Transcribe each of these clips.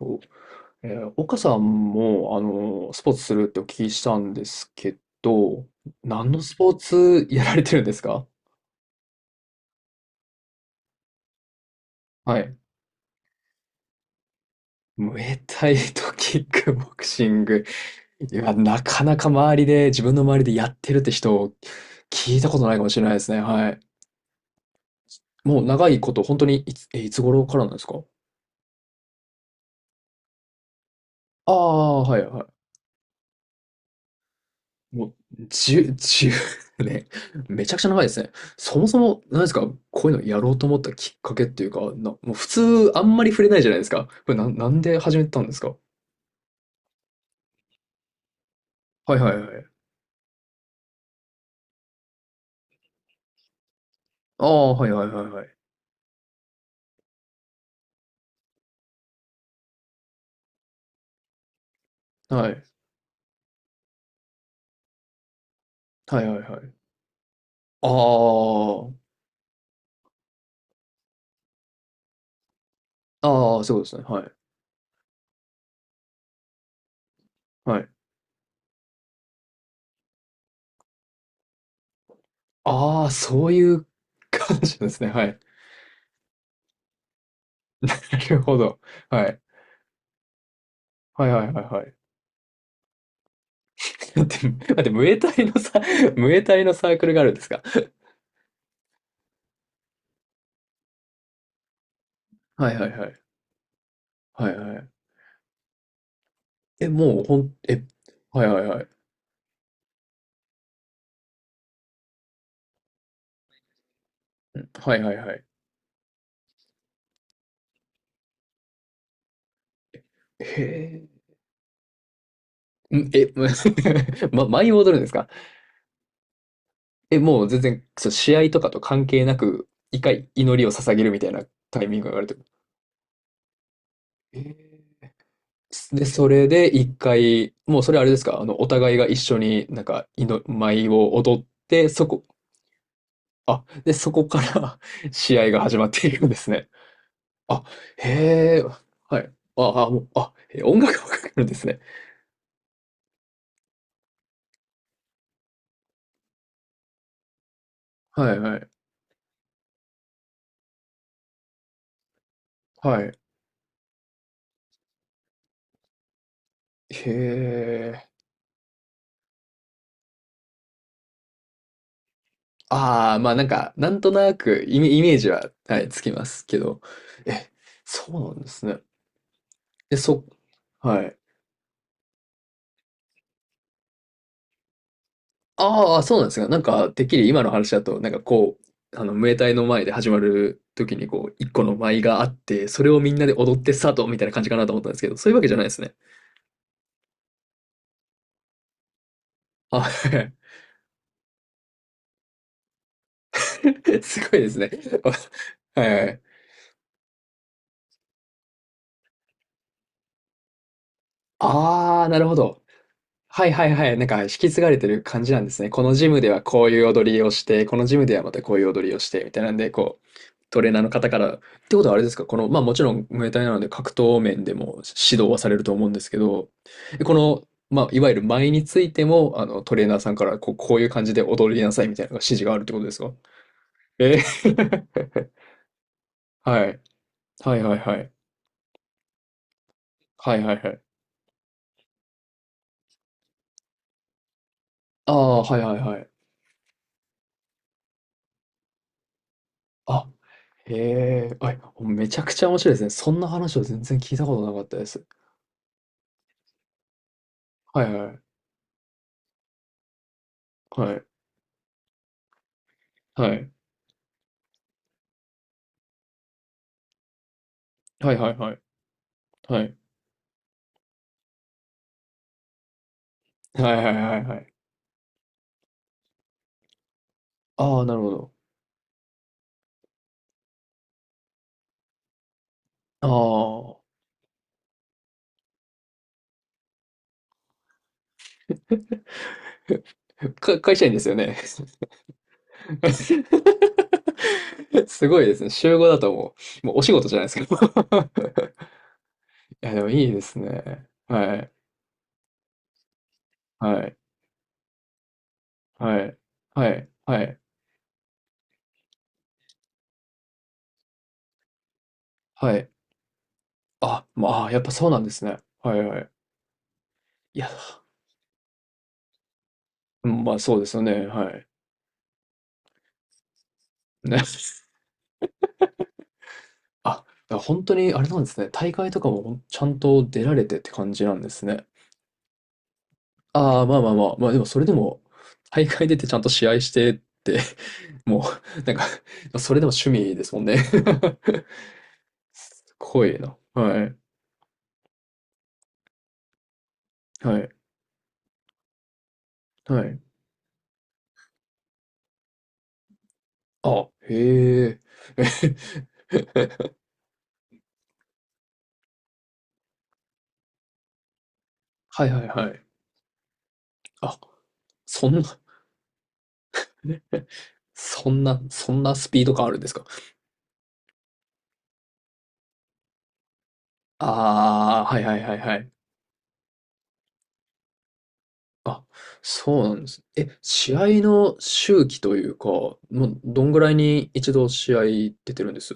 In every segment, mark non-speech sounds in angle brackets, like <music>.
お、岡さんも、あのスポーツするってお聞きしたんですけど、何のスポーツやられてるんですか？はい。ムエタイとキックボクシング。いや、なかなか周りで、自分の周りでやってるって人、聞いたことないかもしれないですね。はい。もう長いこと、本当にいつ頃からなんですか？ああー、はい、はい。もう、10、年 <laughs> ね。めちゃくちゃ長いですね。そもそも、何ですか、こういうのやろうと思ったきっかけっていうか、もう普通あんまり触れないじゃないですか。これな、なんで始めたんですか？はいはいはい。ああ、はいはいはいはい。はい。はいはいはい。ああ、ああ、そういうことですね。はい。はい。ああ、そういう感じですね。はい。なるほど。はい。はいはいはいはい。<laughs> だって、ムエタイのさ、ムエタイのサークルがあるんですか？はいはいはい。はいはいはい。え、もうほん、え、はいはいはい。はいはいはい。へえ。んえ、<laughs> ま、舞い戻るんですか？え、もう全然、そう、試合とかと関係なく、一回祈りを捧げるみたいなタイミングがあるってこと。へえ。で、それで一回、もうそれあれですか、あの、お互いが一緒になんか、祈舞を踊って、そこ、あ、で、そこから <laughs> 試合が始まっているんですね。あ、へえ、はい。あ、あ、もう、あ、え音楽わかるんですね。はいはい。はい。へえ。ああ、まあなんか、なんとなくイメージは、はい、つきますけど。え、そうなんですね。え、そ、はい。ああ、そうなんですが、なんか、てっきり今の話だと、なんかこう、あの、ムエタイの前で始まる時に、こう、一個の舞があって、それをみんなで踊ってスタートみたいな感じかなと思ったんですけど、そういうわけじゃないですね。あ、はい。 <laughs> すごいですね。<laughs> はいはい。ああ、なるほど。はいはいはい。なんか引き継がれてる感じなんですね。このジムではこういう踊りをして、このジムではまたこういう踊りをして、みたいなんで、こう、トレーナーの方から、ってことはあれですか、この、まあもちろんムエタイなので格闘面でも指導はされると思うんですけど、この、まあいわゆる舞についても、あの、トレーナーさんからこう、こういう感じで踊りなさいみたいな指示があるってことですか？えー。 <laughs> はい。はいはいはい。はいはいはい。ああ、はいはいはい。あ、へえ、あ、めちゃくちゃ面白いですね。そんな話を全然聞いたことなかったです。はいはい。はい。はいはいはい。はい。はいはいはいはいはい。ああ、なるほど。ああ。か、会社員ですよね？<laughs> すごいですね。週5だともうお仕事じゃないですか。<laughs> いや、でもいいですね。はい。はい。はい。はい。はい。はい。あ、まあ、やっぱそうなんですね。はいはい。いや、うん、まあそうですよね。はい。ね。<laughs> あ、だから本当にあれなんですね。大会とかもちゃんと出られてって感じなんですね。ああ、まあまあまあ、まあでもそれでも、大会出てちゃんと試合してって <laughs> もう、なんか、それでも趣味ですもんね。 <laughs> すごいな。はい。はい。はい。あ、へえ。<laughs> はいはいはい。あ、そんな、そんなスピード感あるんですか。ああー、はいはいはいはい。あ、そうなんです。え、試合の周期というか、もうどんぐらいに一度試合出てるんです？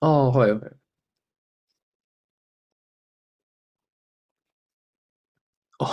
ああー、はいはい。あ、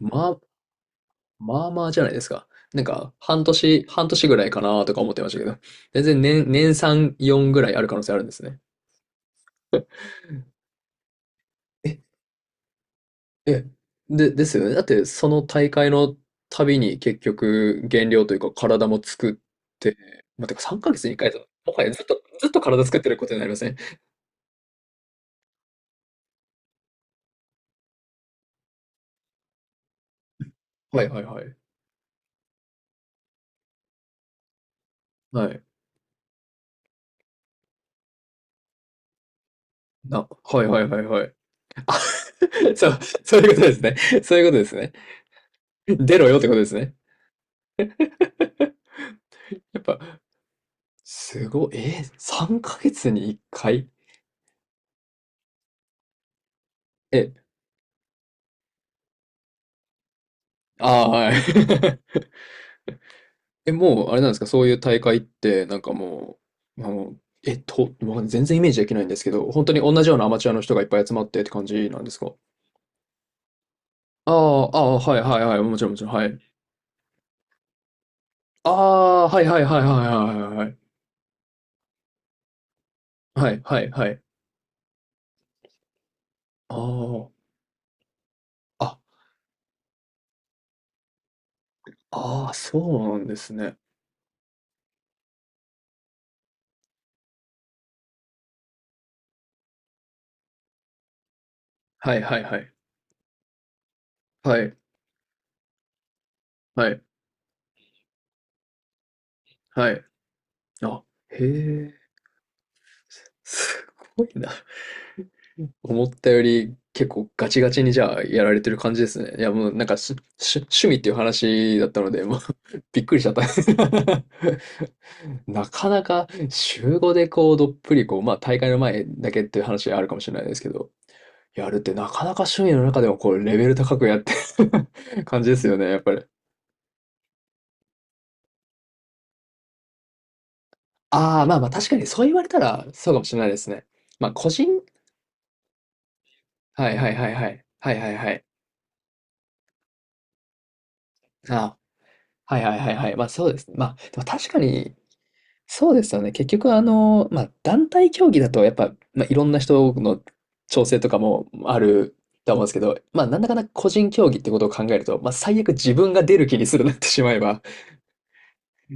まあ、まあまあじゃないですか。なんか、半年ぐらいかなとか思ってましたけど、全然年3、4ぐらいある可能性あるんですね。<laughs> え、え、で、ですよね。だって、その大会のたびに結局、減量というか体も作って、まあ、てか3ヶ月に1回だ。もはやずっと体作ってることになりません、ね。はいはいはい。はい。な、はいはいはいはい。あ、<laughs> そう、そういうことですね。そういうことですね。出ろよってことですね。<laughs> やっぱ、すごい。えー、3ヶ月に1回。え、ああ、はい。<laughs> え、もう、あれなんですか、そういう大会って、なんかもう、まあの、えっと、わかん全然イメージできないんですけど、本当に同じようなアマチュアの人がいっぱい集まってって感じなんですか？ああ、ああ、はいはいはい、もちろんもちろん、はい。ああ、はいはいはいはいはいはいはい。はいはいはい。ああ、あ、ああ、そうなんですね。はいはいはい。はい、はい、はい。あ、へえ、すごいな。思ったより結構ガチガチにじゃあやられてる感じですね。いやもうなんかし趣味っていう話だったので、もう <laughs> びっくりしちゃった。<laughs> なかなか週5でこうどっぷりこう、まあ大会の前だけっていう話あるかもしれないですけど、やるってなかなか趣味の中でもこうレベル高くやってる <laughs> 感じですよね、やっぱり。ああ、まあまあ確かにそう言われたらそうかもしれないですね。まあ個人はいはいはいはい。はいはいはい。ああはいはいはいはい。まあそうですね。まあでも確かに、そうですよね。結局あの、まあ団体競技だとやっぱ、まあ、いろんな人の調整とかもあると思うんですけど、まあなんだかんだ個人競技ってことを考えると、まあ最悪自分が出る気にするなってしまえば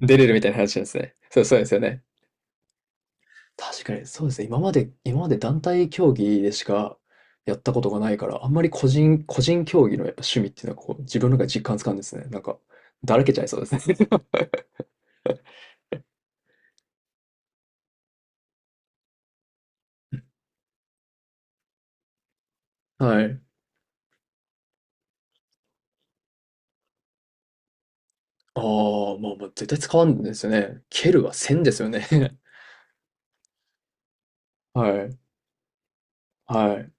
出れるみたいな話なんですね。そう、そうですよね。確かにそうですね。今まで団体競技でしかやったことがないから、あんまり個人競技のやっぱ趣味っていうのはこう自分の中で実感つかんですね。なんか、だらけちゃいそうですね。<laughs> はい。ああ、まあまあ、絶対使わんですよね。蹴るはせんですよね。<laughs> はい。はい。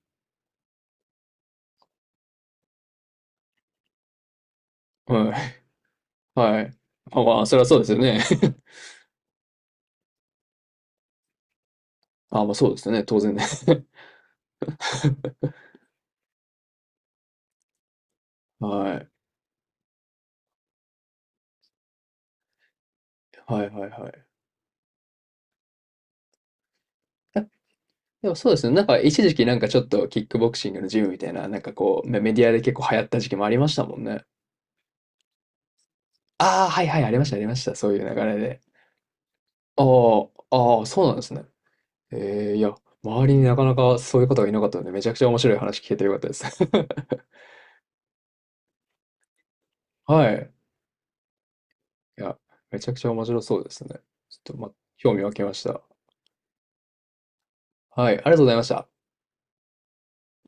はい。はい。あ、まあ、それはそうですよね。<laughs> あ、まあ、そうですよね、当然ね。<laughs> はい。はいはいはい。え、でもそうですね、なんか一時期なんかちょっとキックボクシングのジムみたいな、なんかこう、メメディアで結構流行った時期もありましたもんね。ああ、はいはい、ありましたありました。そういう流れで。ああ、ああ、そうなんですね。ええ、いや、周りになかなかそういう方がいなかったので、めちゃくちゃ面白い話聞けてよかったです。<laughs> はい。いや、めちゃくちゃ面白そうですね。ちょっと、ま、興味湧きました。はい、ありがとうございました。